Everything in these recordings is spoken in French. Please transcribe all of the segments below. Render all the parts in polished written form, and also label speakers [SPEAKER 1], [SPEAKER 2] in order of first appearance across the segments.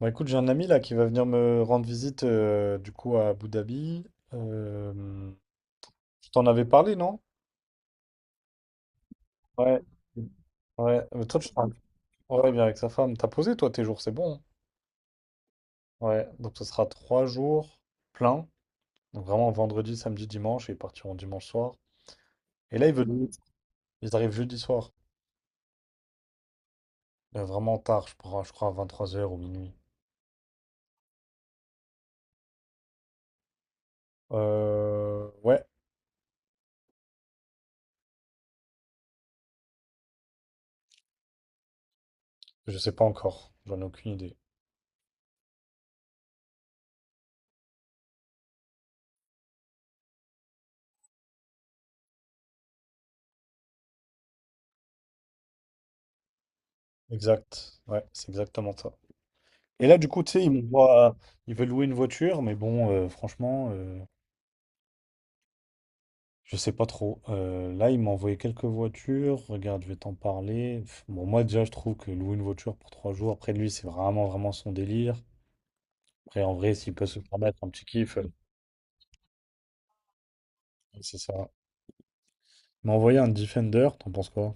[SPEAKER 1] Bah écoute, j'ai un ami là qui va venir me rendre visite du coup à Abu Dhabi. Euh, je t'en avais parlé, non? Ouais. Ouais. Mais toi, ouais, bien avec sa femme. T'as posé toi tes jours, c'est bon, hein? Ouais. Donc ce sera 3 jours pleins. Donc vraiment vendredi, samedi, dimanche. Et ils partiront dimanche soir. Et là, ils arrivent jeudi soir. Vraiment tard, je crois à 23 heures ou minuit. Ouais, je sais pas encore. J'en ai aucune idée. Exact. Ouais, c'est exactement ça. Et là, du coup, tu sais, il me voit, il veut louer une voiture, mais bon, franchement, je sais pas trop. Là, il m'a envoyé quelques voitures. Regarde, je vais t'en parler. Bon, moi, déjà, je trouve que louer une voiture pour 3 jours, après lui, c'est vraiment, vraiment son délire. Après, en vrai, s'il peut se permettre un petit kiff, c'est ça. Il m'a envoyé un Defender, t'en penses quoi?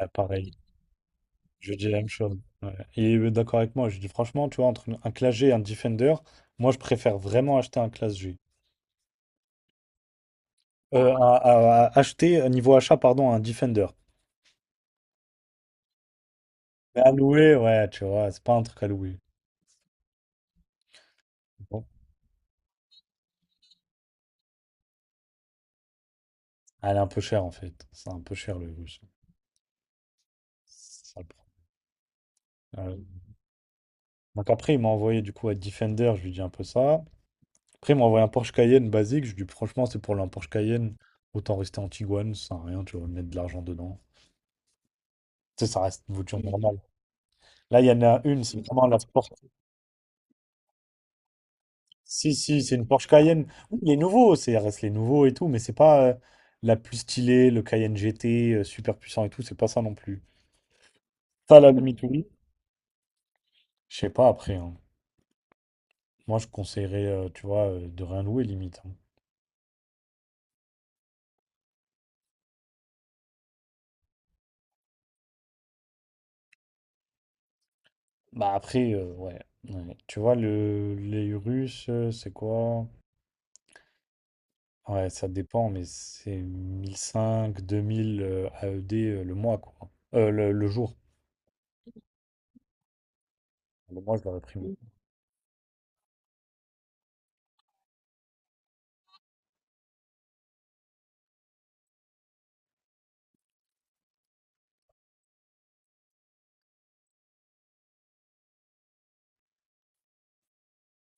[SPEAKER 1] Ouais, pareil, je dis la même chose. Ouais. Il est d'accord avec moi. Je dis, franchement, tu vois, entre un Classe G et un Defender, moi, je préfère vraiment acheter un Classe G. À acheter, niveau achat, pardon, un Defender. Mais à louer, ouais, tu vois, c'est pas un truc à louer. Bon. Elle est un peu chère en fait. C'est un peu cher le russe. C'est ça le problème. Donc après, il m'a envoyé du coup à Defender, je lui dis un peu ça. Après, il m'a envoyé un Porsche Cayenne basique. Je lui dis franchement, c'est pour un Porsche Cayenne, autant rester en Tiguan, ça sert à rien, tu vas mettre de l'argent dedans. Tu sais, ça reste une voiture normale. Là, il y en a une, c'est vraiment la Porsche. Si, si, c'est une Porsche Cayenne. Oui, les nouveaux, c'est reste les nouveaux et tout, mais c'est pas la plus stylée, le Cayenne GT, super puissant et tout, c'est pas ça non plus. Ça, à la limite, oui. Je sais pas après, hein. Moi, je conseillerais, tu vois, de rien louer limite, hein. Bah après, ouais. Ouais. Tu vois, les Russes, c'est quoi? Ouais, ça dépend, mais c'est 1500, 2000 AED le mois, quoi. Le jour. Le mois, je l'aurais pris, moi.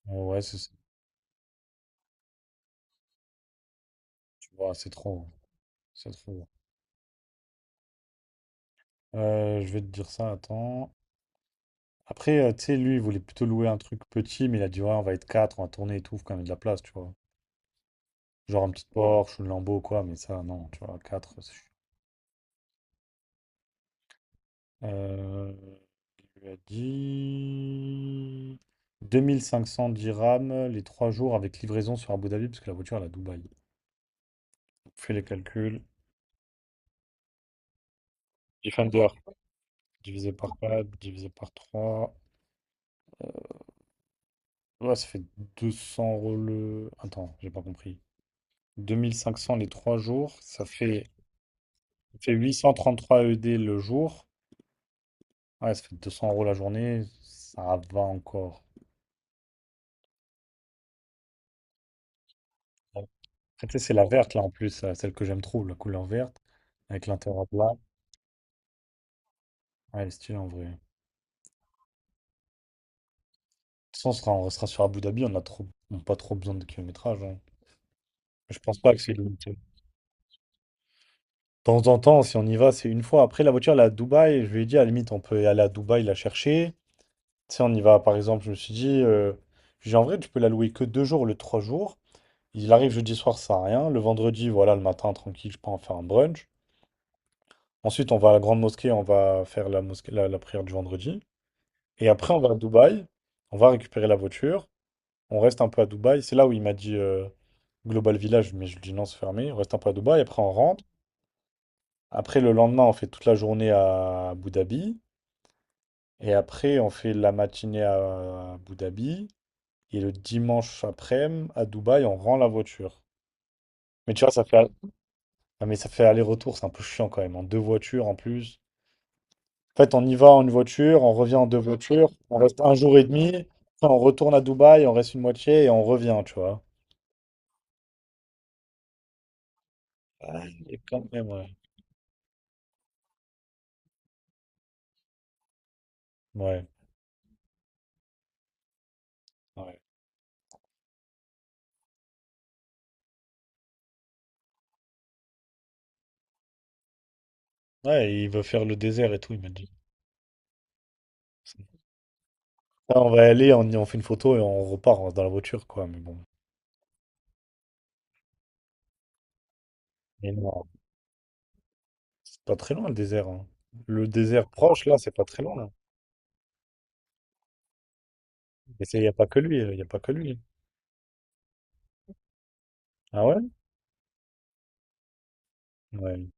[SPEAKER 1] Mm. Ouais, c'est ça. Tu vois, c'est trop, hein. C'est trop, hein. Je vais te dire ça, attends. Après, tu sais, lui, il voulait plutôt louer un truc petit, mais il a dit, ouais, on va être quatre, on va tourner et tout, faut quand même de la place, tu vois. Genre un petit Porsche, une Lambo, quoi, mais ça, non, tu vois, quatre. Euh, il lui a dit 2500 dirhams les 3 jours avec livraison sur Abu Dhabi, parce que la voiture elle est à Dubaï. Donc, fais les calculs. Defender, divisé par 4, divisé par 3. Ouais, ça fait 200 € attends, j'ai pas compris. 2500 les 3 jours, ça fait 833 ED le jour. Ouais, ça fait 200 € la journée, ça va encore. Après, tu sais, c'est la verte là en plus, celle que j'aime trop, la couleur verte, avec l'intérieur blanc. Ouais, elle est stylée en vrai. De toute façon, on restera sur Abu Dhabi, on a pas trop besoin de kilométrage, hein. Je pense pas que c'est limité. De temps en temps, si on y va, c'est une fois. Après, la voiture, elle est à Dubaï. Je lui ai dit, à la limite, on peut aller à Dubaï la chercher. Tu sais, on y va, par exemple, je me suis dit, j'ai en vrai, tu peux la louer que 2 jours, le 3 jours. Il arrive jeudi soir, ça sert à rien. Le vendredi, voilà, le matin, tranquille, je peux en faire un brunch. Ensuite, on va à la grande mosquée, on va faire la mosquée, la prière du vendredi. Et après, on va à Dubaï, on va récupérer la voiture. On reste un peu à Dubaï. C'est là où il m'a dit Global Village, mais je lui dis non, c'est fermé. On reste un peu à Dubaï. Après, on rentre. Après, le lendemain, on fait toute la journée à Abu Dhabi. Et après, on fait la matinée à Abu Dhabi. Et le dimanche après-midi, à Dubaï, on rend la voiture. Mais tu vois, ah, mais ça fait aller-retour. C'est un peu chiant quand même. En deux voitures en plus. En fait, on y va en une voiture, on revient en deux voitures. On reste un jour et demi. Après, on retourne à Dubaï, on reste une moitié et on revient, tu vois. Ah, et quand même, ouais. Ouais. Ouais. Ouais, il veut faire le désert et tout, il m'a dit. Là, on va y aller, on fait une photo et on repart, hein, dans la voiture, quoi. Mais bon. Mais non, c'est pas très loin le désert, hein. Le désert proche, là, c'est pas très loin. Là. Et il n'y a pas que lui, il n'y a pas que lui. Ah ouais? Ouais.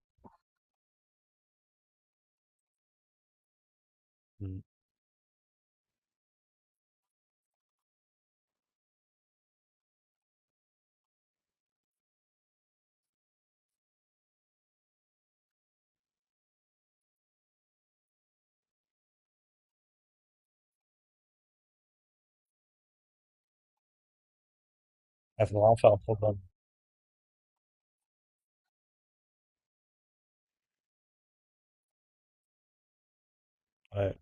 [SPEAKER 1] Ah, il faudra en faire un programme. Ouais.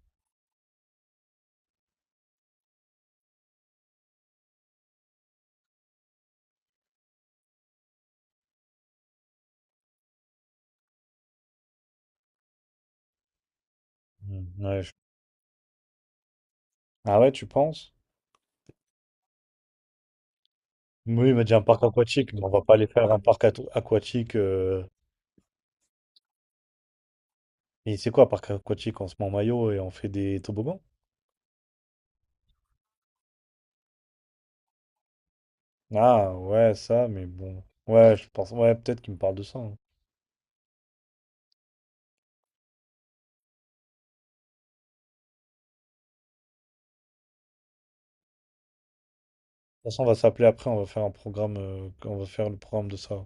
[SPEAKER 1] Mm, ouais, ah ouais, tu penses? Oui, il m'a dit un parc aquatique, mais on va pas aller faire un parc aquatique, et c'est quoi, un parc aquatique? On se met en maillot et on fait des toboggans? Ah ouais, ça, mais bon. Ouais, je pense. Ouais, peut-être qu'il me parle de ça, hein. De toute façon, on va s'appeler après, on va faire un programme, on va faire le programme de ça.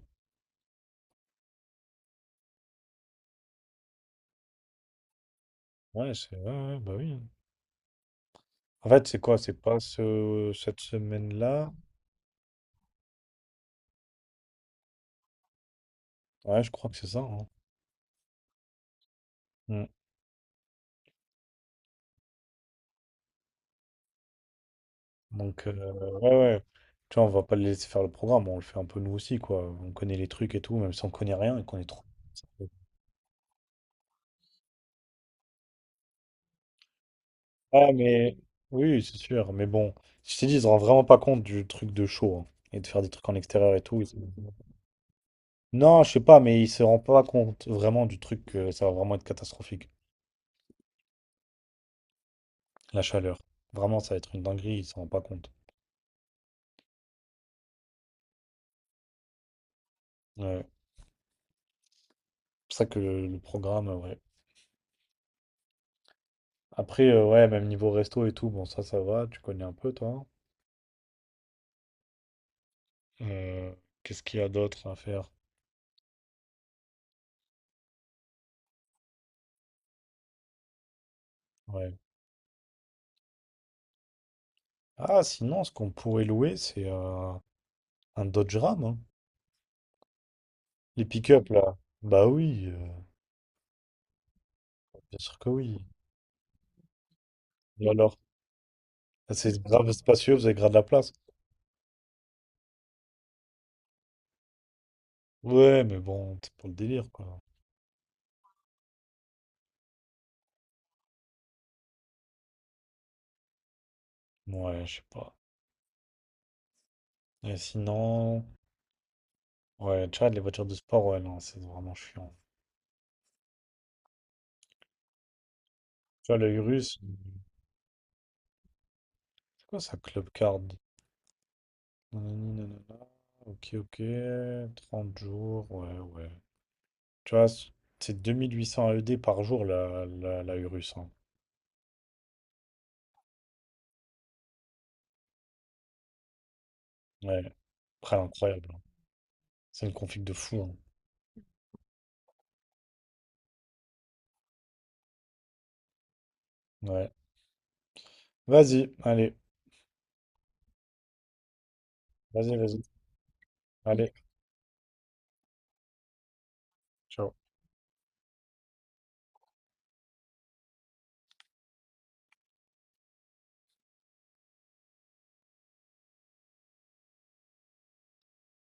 [SPEAKER 1] Ouais, c'est ouais, ouais, bah oui, hein. En fait, c'est quoi? C'est pas cette semaine-là? Ouais, je crois que c'est ça, hein. Mm. Donc, ouais, ouais. Tu vois, on va pas les laisser faire le programme, on le fait un peu nous aussi, quoi. On connaît les trucs et tout, même si on connaît rien et qu'on est trop. Ah, mais oui, c'est sûr. Mais bon, si je t'ai dit, ils se rendent vraiment pas compte du truc de show, hein, et de faire des trucs en extérieur et tout. Ils Non, je sais pas, mais ils se rendent pas compte vraiment du truc que ça va vraiment être catastrophique. La chaleur. Vraiment, ça va être une dinguerie, ils s'en rendent pas compte. Ouais. C'est pour ça que le programme, ouais. Après, ouais, même niveau resto et tout, bon, ça va, tu connais un peu, toi, hein. Euh, qu'est-ce qu'il y a d'autre à faire? Ouais. Ah, sinon, ce qu'on pourrait louer, c'est un Dodge Ram, hein. Les pick-up, là. Bah oui, bien sûr que oui. Et alors? C'est grave spacieux, vous avez grave de la place. Ouais, mais bon, c'est pour le délire, quoi. Ouais, je sais pas. Et sinon, ouais, Tchad, les voitures de sport, ouais, non, c'est vraiment chiant. Tu vois, l'œil russe, c'est quoi ça, Club Card? Nanani, nanana. Ok, ok, 30 jours, ouais, ouais. Tu vois, c'est 2800 AED par jour, la Urus, hein. Ouais, après, incroyable, hein. C'est une config de fou, hein. Ouais. Vas-y, allez, vas-y, vas-y. Allez, ciao.